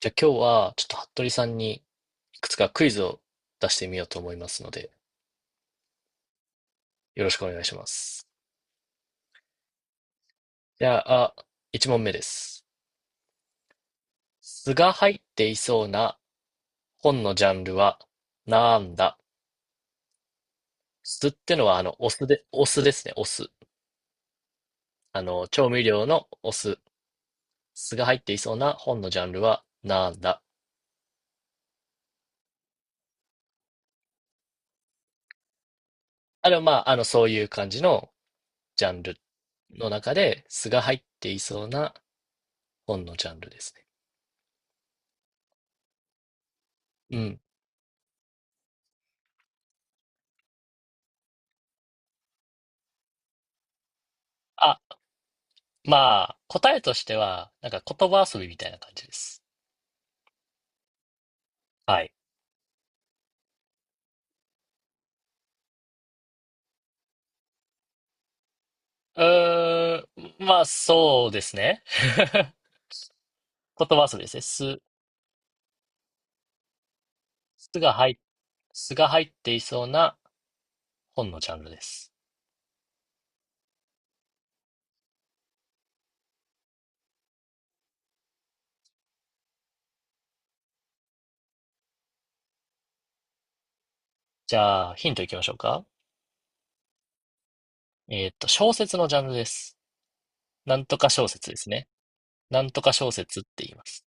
じゃあ今日はちょっと服部さんにいくつかクイズを出してみようと思いますので、よろしくお願いします。じゃあ、1問目です。酢が入っていそうな本のジャンルはなんだ？酢ってのはお酢で、お酢ですね、お酢。調味料のお酢。酢が入っていそうな本のジャンルはなんだ？あれはまあ、そういう感じのジャンルの中で、酢が入っていそうな本のジャンルですね。うん。あ、まあ、答えとしては、なんか言葉遊びみたいな感じです。はい。うーん、まあ、そうですね。言葉遊びですね。す、すが入っ、すが入っていそうな本のジャンルです。じゃあ、ヒントいきましょうか。小説のジャンルです。なんとか小説ですね。なんとか小説って言います。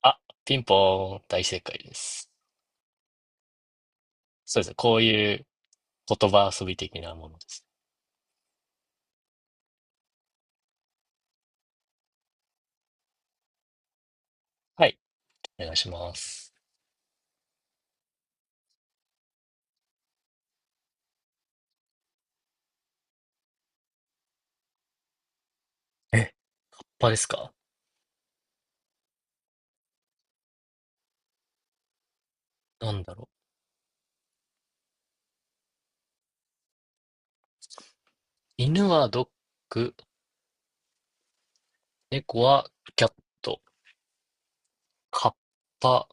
あ、ピンポーン、大正解です。そうですね。こういう言葉遊び的なものです。はい。お願いします。え、他ですか？なんだろう。犬はドッグ、猫はキャット、カッパ。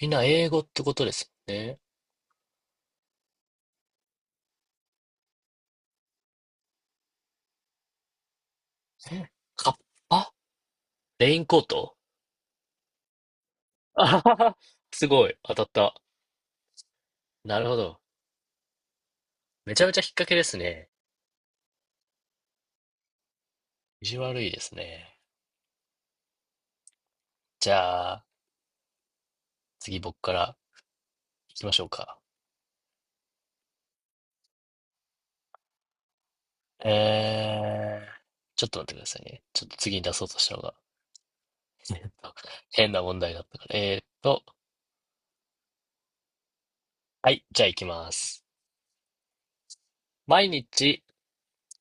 みんな英語ってことですよね。えカッパレインコート。あははは。すごい。当たった。なるほど。めちゃめちゃ引っ掛けですね。意地悪いですね。じゃあ、次僕から行きましょうか。えー、ちょっと待ってくださいね。ちょっと次に出そうとしたのが変な問題だったから。はい、じゃあ行きます。毎日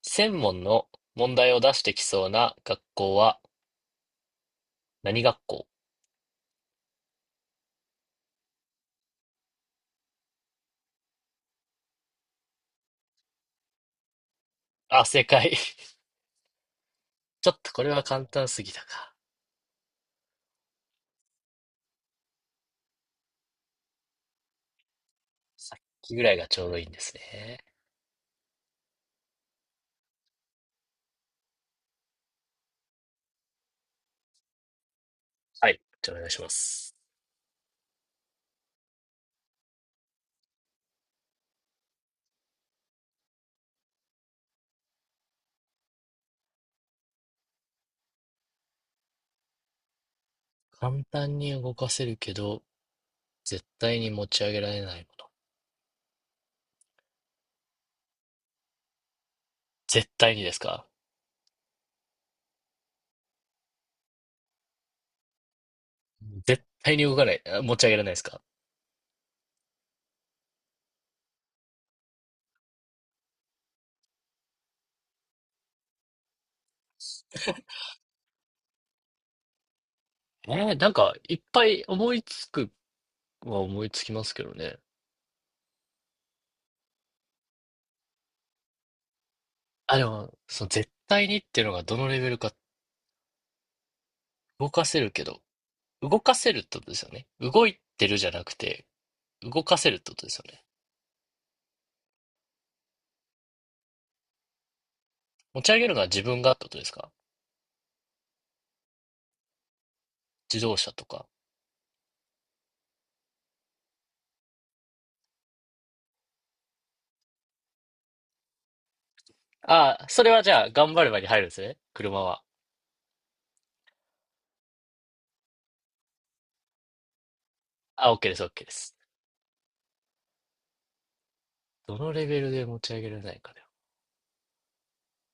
専門の問題を出してきそうな学校は何学校？あ、正解。ちょっとこれは簡単すぎたか。秋ぐらいがちょうどいいんですね。はい。じゃあお願いします。簡単に動かせるけど、絶対に持ち上げられないもの。絶対にですか？絶対に動かない。あ、持ち上げられないですか？なんか、いっぱい思いつくは思いつきますけどね。あ、でも、その絶対にっていうのがどのレベルか。動かせるけど、動かせるってことですよね。動いてるじゃなくて、動かせるってことですよね。持ち上げるのは自分がってことですか？自動車とか。ああ、それはじゃあ、頑張ればに入るんですね。車は。あ、OK です、OK です。どのレベルで持ち上げられないかだよ。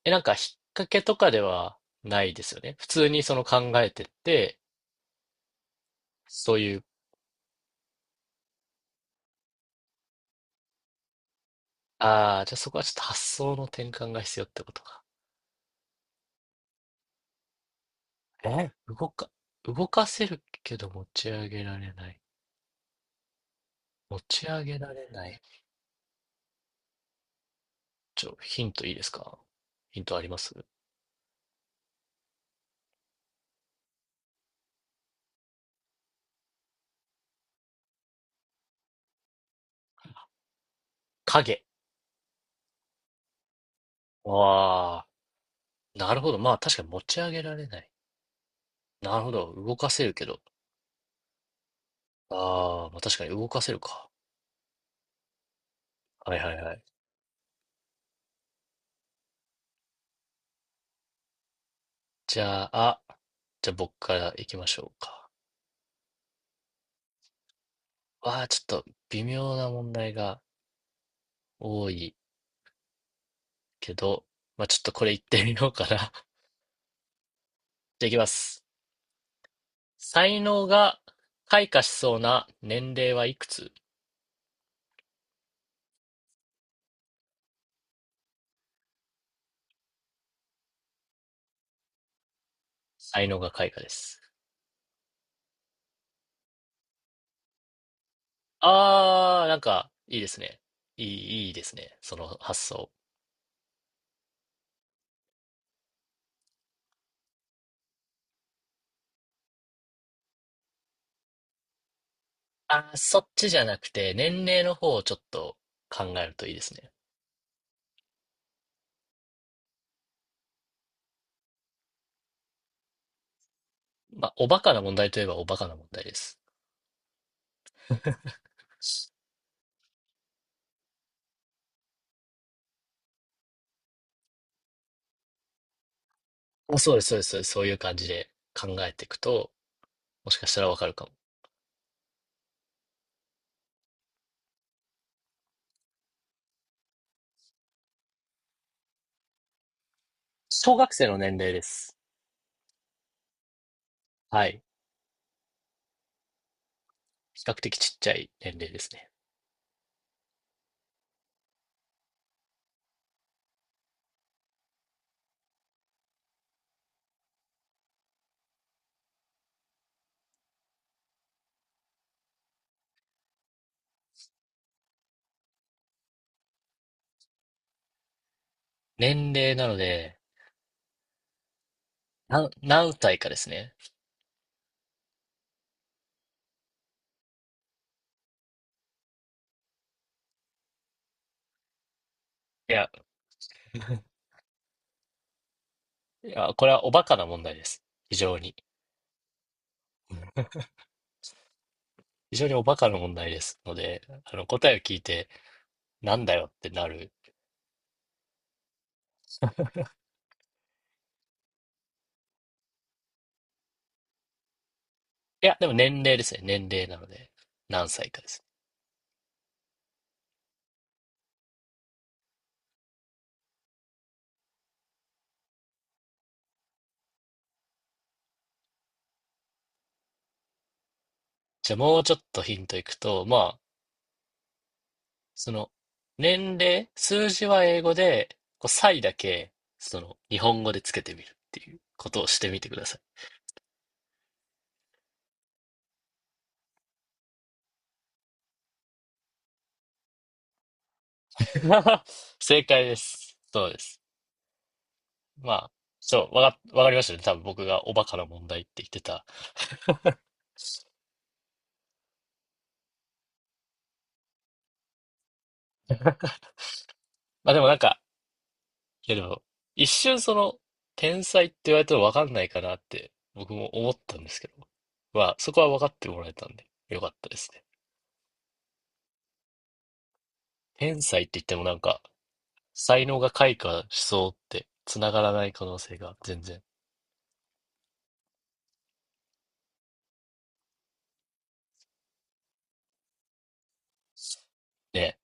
え、なんか、引っ掛けとかではないですよね。普通にその考えてって、そういう、ああ、じゃあそこはちょっと発想の転換が必要ってことか。え動か、動かせるけど持ち上げられない。持ち上げられない。ちょ、ヒントいいですか？ヒントあります？影。ああ、なるほど。まあ確かに持ち上げられない。なるほど。動かせるけど。ああ、まあ確かに動かせるか。はいはいはい。じゃあ、あ、じゃあ僕から行きましょうか。わあ、ちょっと微妙な問題が多いけど、まあちょっとこれ行ってみようかな。じゃあ行きます。才能が開花しそうな年齢はいくつ？才能が開花です。ああ、なんか、いいですね。いい、いいですね。その発想。ああ、そっちじゃなくて、年齢の方をちょっと考えるといいですね。まあ、おバカな問題といえばおバカな問題です。まあそうです、そうです、そうです。そういう感じで考えていくと、もしかしたらわかるかも。小学生の年齢です。はい。比較的ちっちゃい年齢ですね。年齢なので、何、何歳かですね。いや、いや、これはおバカな問題です。非常に。非常におバカな問題ですので、答えを聞いて、なんだよってなる。いや、でも年齢ですね。年齢なので、何歳かです。じゃあもうちょっとヒントいくと、まあ、その、年齢、数字は英語で、こう、歳だけ、その、日本語でつけてみるっていうことをしてみてください。正解です。そうです。まあ、そう、わか、わかりましたね。多分僕がおバカな問題って言ってた。まあでもなんか、いやでも、一瞬その、天才って言われても分かんないかなって、僕も思ったんですけど、まあ、そこは分かってもらえたんで、よかったですね。天才って言ってもなんか、才能が開花しそうって、繋がらない可能性が全然、ね、